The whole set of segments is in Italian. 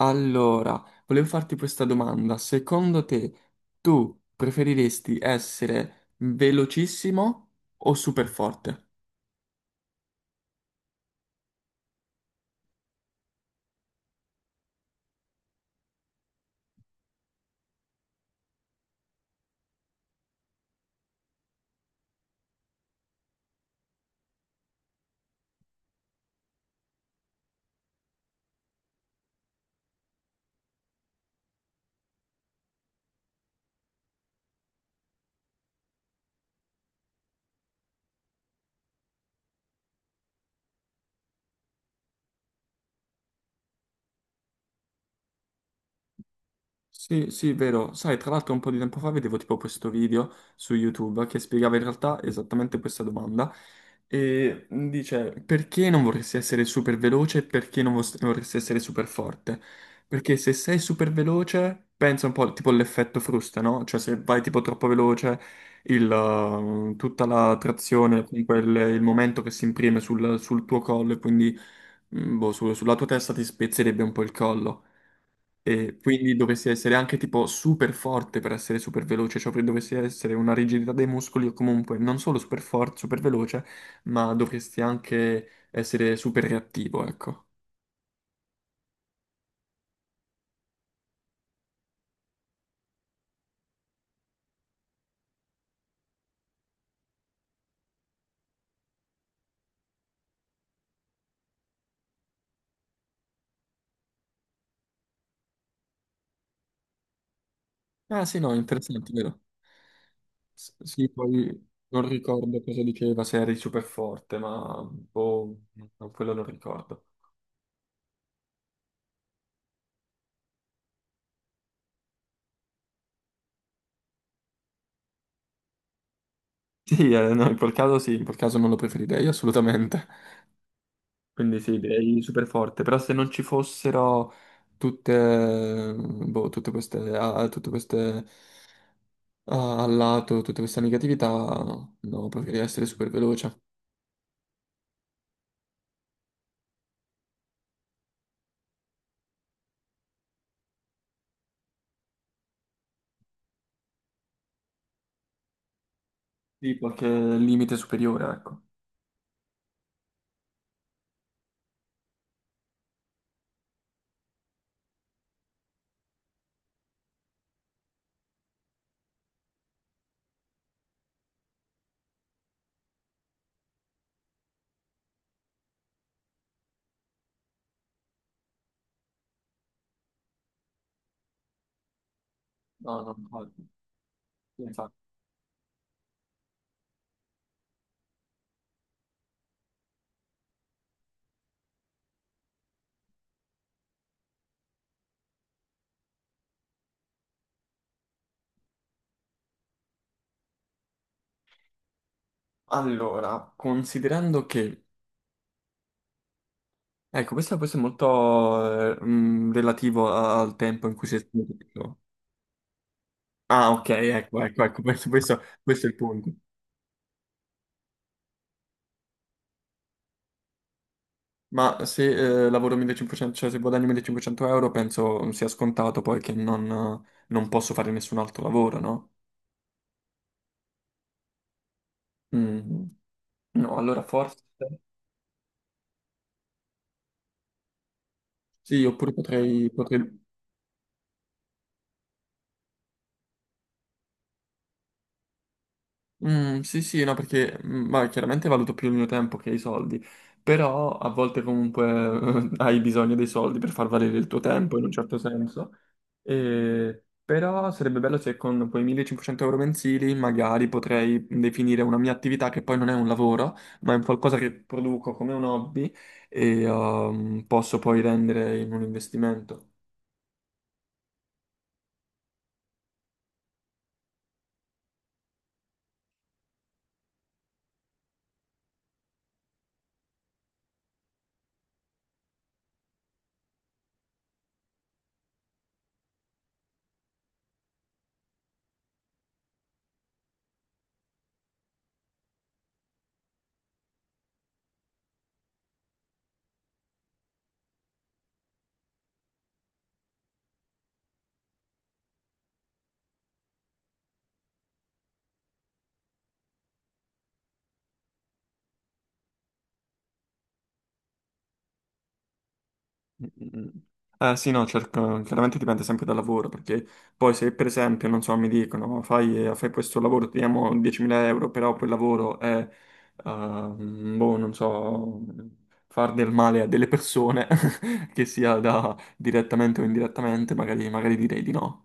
Allora, volevo farti questa domanda. Secondo te, tu preferiresti essere velocissimo o super forte? Sì, sì, vero. Sai, tra l'altro un po' di tempo fa vedevo tipo questo video su YouTube che spiegava in realtà esattamente questa domanda e dice perché non vorresti essere super veloce e perché non vos- vorresti essere super forte? Perché se sei super veloce, pensa un po' tipo all'effetto frusta, no? Cioè se vai tipo troppo veloce, tutta la trazione, comunque il momento che si imprime sul tuo collo e quindi sulla tua testa ti spezzerebbe un po' il collo. E quindi dovresti essere anche tipo super forte per essere super veloce, cioè dovresti essere una rigidità dei muscoli o comunque non solo super forte, super veloce, ma dovresti anche essere super reattivo, ecco. Ah sì, no, interessante, vero? Sì, poi non ricordo cosa diceva, se eri super forte, ma boh, no, quello non ricordo. Sì, no, in quel caso sì, in quel caso non lo preferirei assolutamente. Quindi sì, direi super forte, però se non ci fossero tutte, boh, tutte queste a al lato, tutte queste negatività, no, preferirei essere super veloce. Sì, qualche limite superiore, ecco. No, no, infatti. Infatti. Allora, considerando che, ecco, questo è molto relativo al tempo in cui si è esposto. Ah, ok, ecco, ecco, ecco, questo, questo è il punto. Ma se lavoro 1500, cioè se guadagno 1500 euro, penso sia scontato poi che non, non posso fare nessun altro lavoro, no? Mm. No, allora forse sì, oppure potrei... sì, sì, no, perché ma chiaramente valuto più il mio tempo che i soldi, però a volte comunque hai bisogno dei soldi per far valere il tuo tempo in un certo senso. E- però sarebbe bello se con quei 1500 euro mensili magari potrei definire una mia attività che poi non è un lavoro, ma è un qualcosa che produco come un hobby e posso poi rendere in un investimento. Mm. Eh sì, no, cerco, chiaramente dipende sempre dal lavoro, perché poi se per esempio, non so, mi dicono fai questo lavoro, ti diamo 10.000 euro, però quel lavoro è, non so, far del male a delle persone, che sia da direttamente o indirettamente, magari, magari direi di no.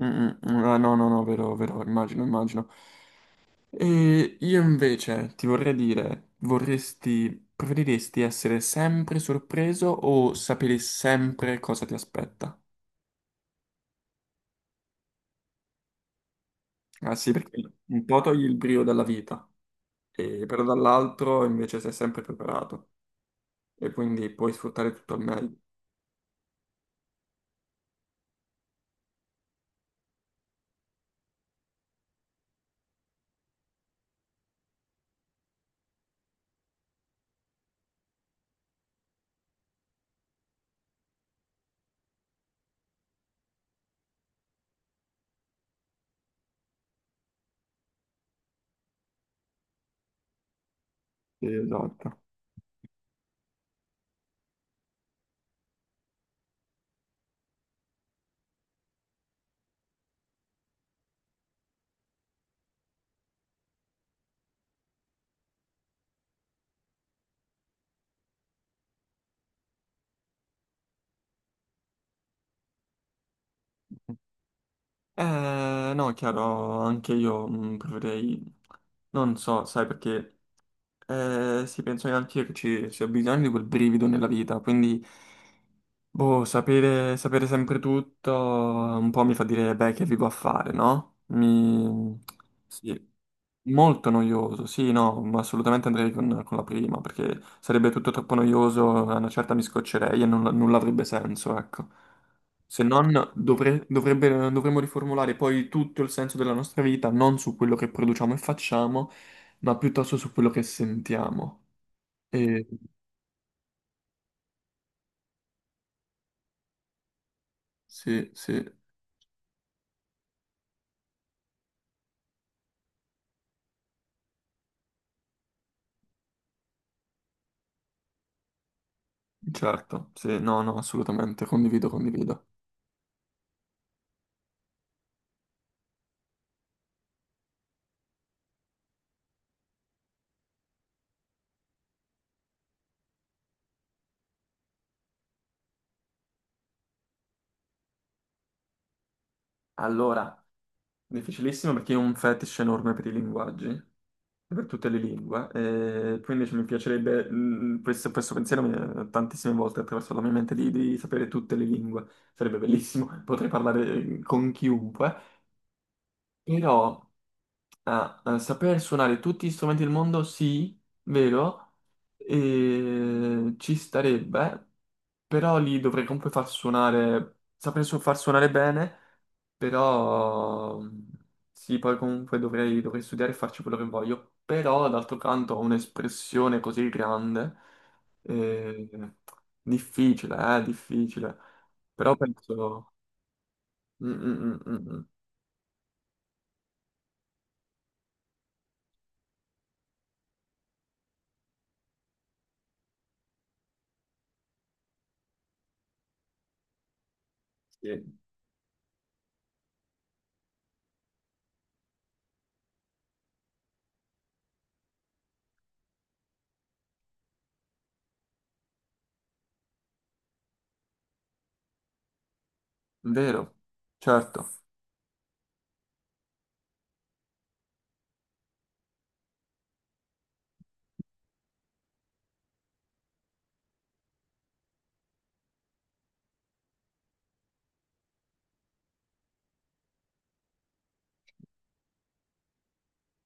Mm, mm, ah, no, no, no, vero, vero, immagino, immagino. E io invece ti vorrei dire, vorresti, preferiresti essere sempre sorpreso o sapere sempre cosa ti aspetta? Ah sì, perché un po' togli il brio dalla vita, e però dall'altro invece sei sempre preparato e quindi puoi sfruttare tutto al meglio. Sì, esatto. No, è chiaro, anche io preferirei, non so, sai perché, sì, penso che anche io che ci sia bisogno di quel brivido nella vita, quindi... Boh, sapere sempre tutto un po' mi fa dire, beh, che vivo a fare, no? Mi... Sì, molto noioso, sì, no, ma assolutamente andrei con la prima, perché sarebbe tutto troppo noioso, a una certa mi scoccerei e non, non avrebbe senso, ecco. Se non, dovremmo riformulare poi tutto il senso della nostra vita, non su quello che produciamo e facciamo, ma piuttosto su quello che sentiamo. E... Sì, sì. Certo, sì, no, no, assolutamente, condivido, condivido. Allora, difficilissimo perché io ho un fetish enorme per i linguaggi, e per tutte le lingue, e quindi cioè, mi piacerebbe, questo, questo pensiero mi è tantissime volte attraverso la mia mente di sapere tutte le lingue, sarebbe bellissimo, potrei parlare con chiunque, però saper suonare tutti gli strumenti del mondo, sì, vero, e ci starebbe, però li dovrei comunque far suonare, far suonare bene. Però sì, poi comunque dovrei studiare e farci quello che voglio. Però d'altro canto ho un'espressione così grande, eh, difficile, difficile. Però penso... Mm, mm, mm, mm, mm. Sì, vero, certo.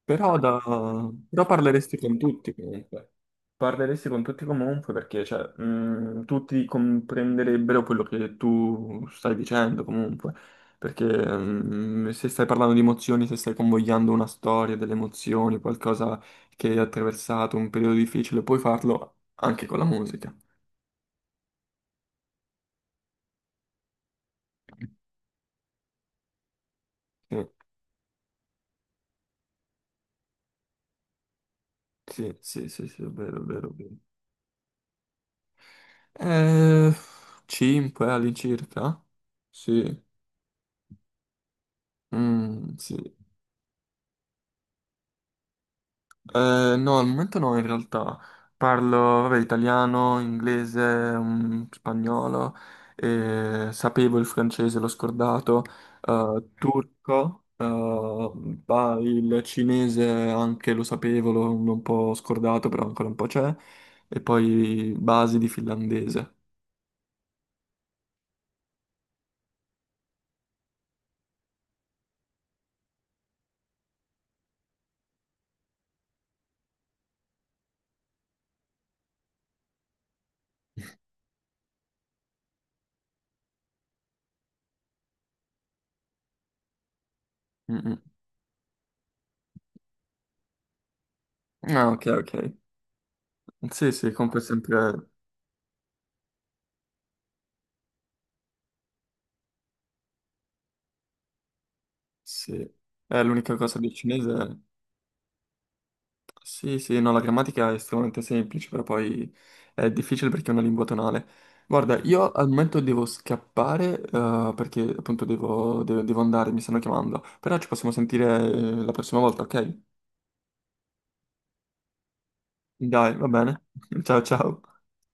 Però, da- però parleresti con tutti comunque. Parleresti con tutti comunque perché cioè, tutti comprenderebbero quello che tu stai dicendo comunque. Perché se stai parlando di emozioni, se stai convogliando una storia delle emozioni, qualcosa che hai attraversato, un periodo difficile, puoi farlo anche con la musica. Sì, sì, sì, sì, sì, è vero, è vero, è vero. Eh, 5 all'incirca? Sì. Mm, sì. No, al momento no, in realtà. Parlo, vabbè, italiano, inglese, spagnolo, sapevo il francese, l'ho scordato, turco, bah, il cinese anche lo sapevo, l'ho un po' scordato, però ancora un po' c'è, e poi basi di finlandese. Mm, mm. Ah, ok, ok. Sì, sì, comunque sempre... Sì. L'unica cosa del cinese... Sì, sì, no, la grammatica è estremamente semplice, però poi è difficile perché è una lingua tonale. Guarda, io al momento devo scappare, perché appunto devo, devo andare, mi stanno chiamando, però ci possiamo sentire la prossima volta, ok? Dai, va bene. Ciao, ciao.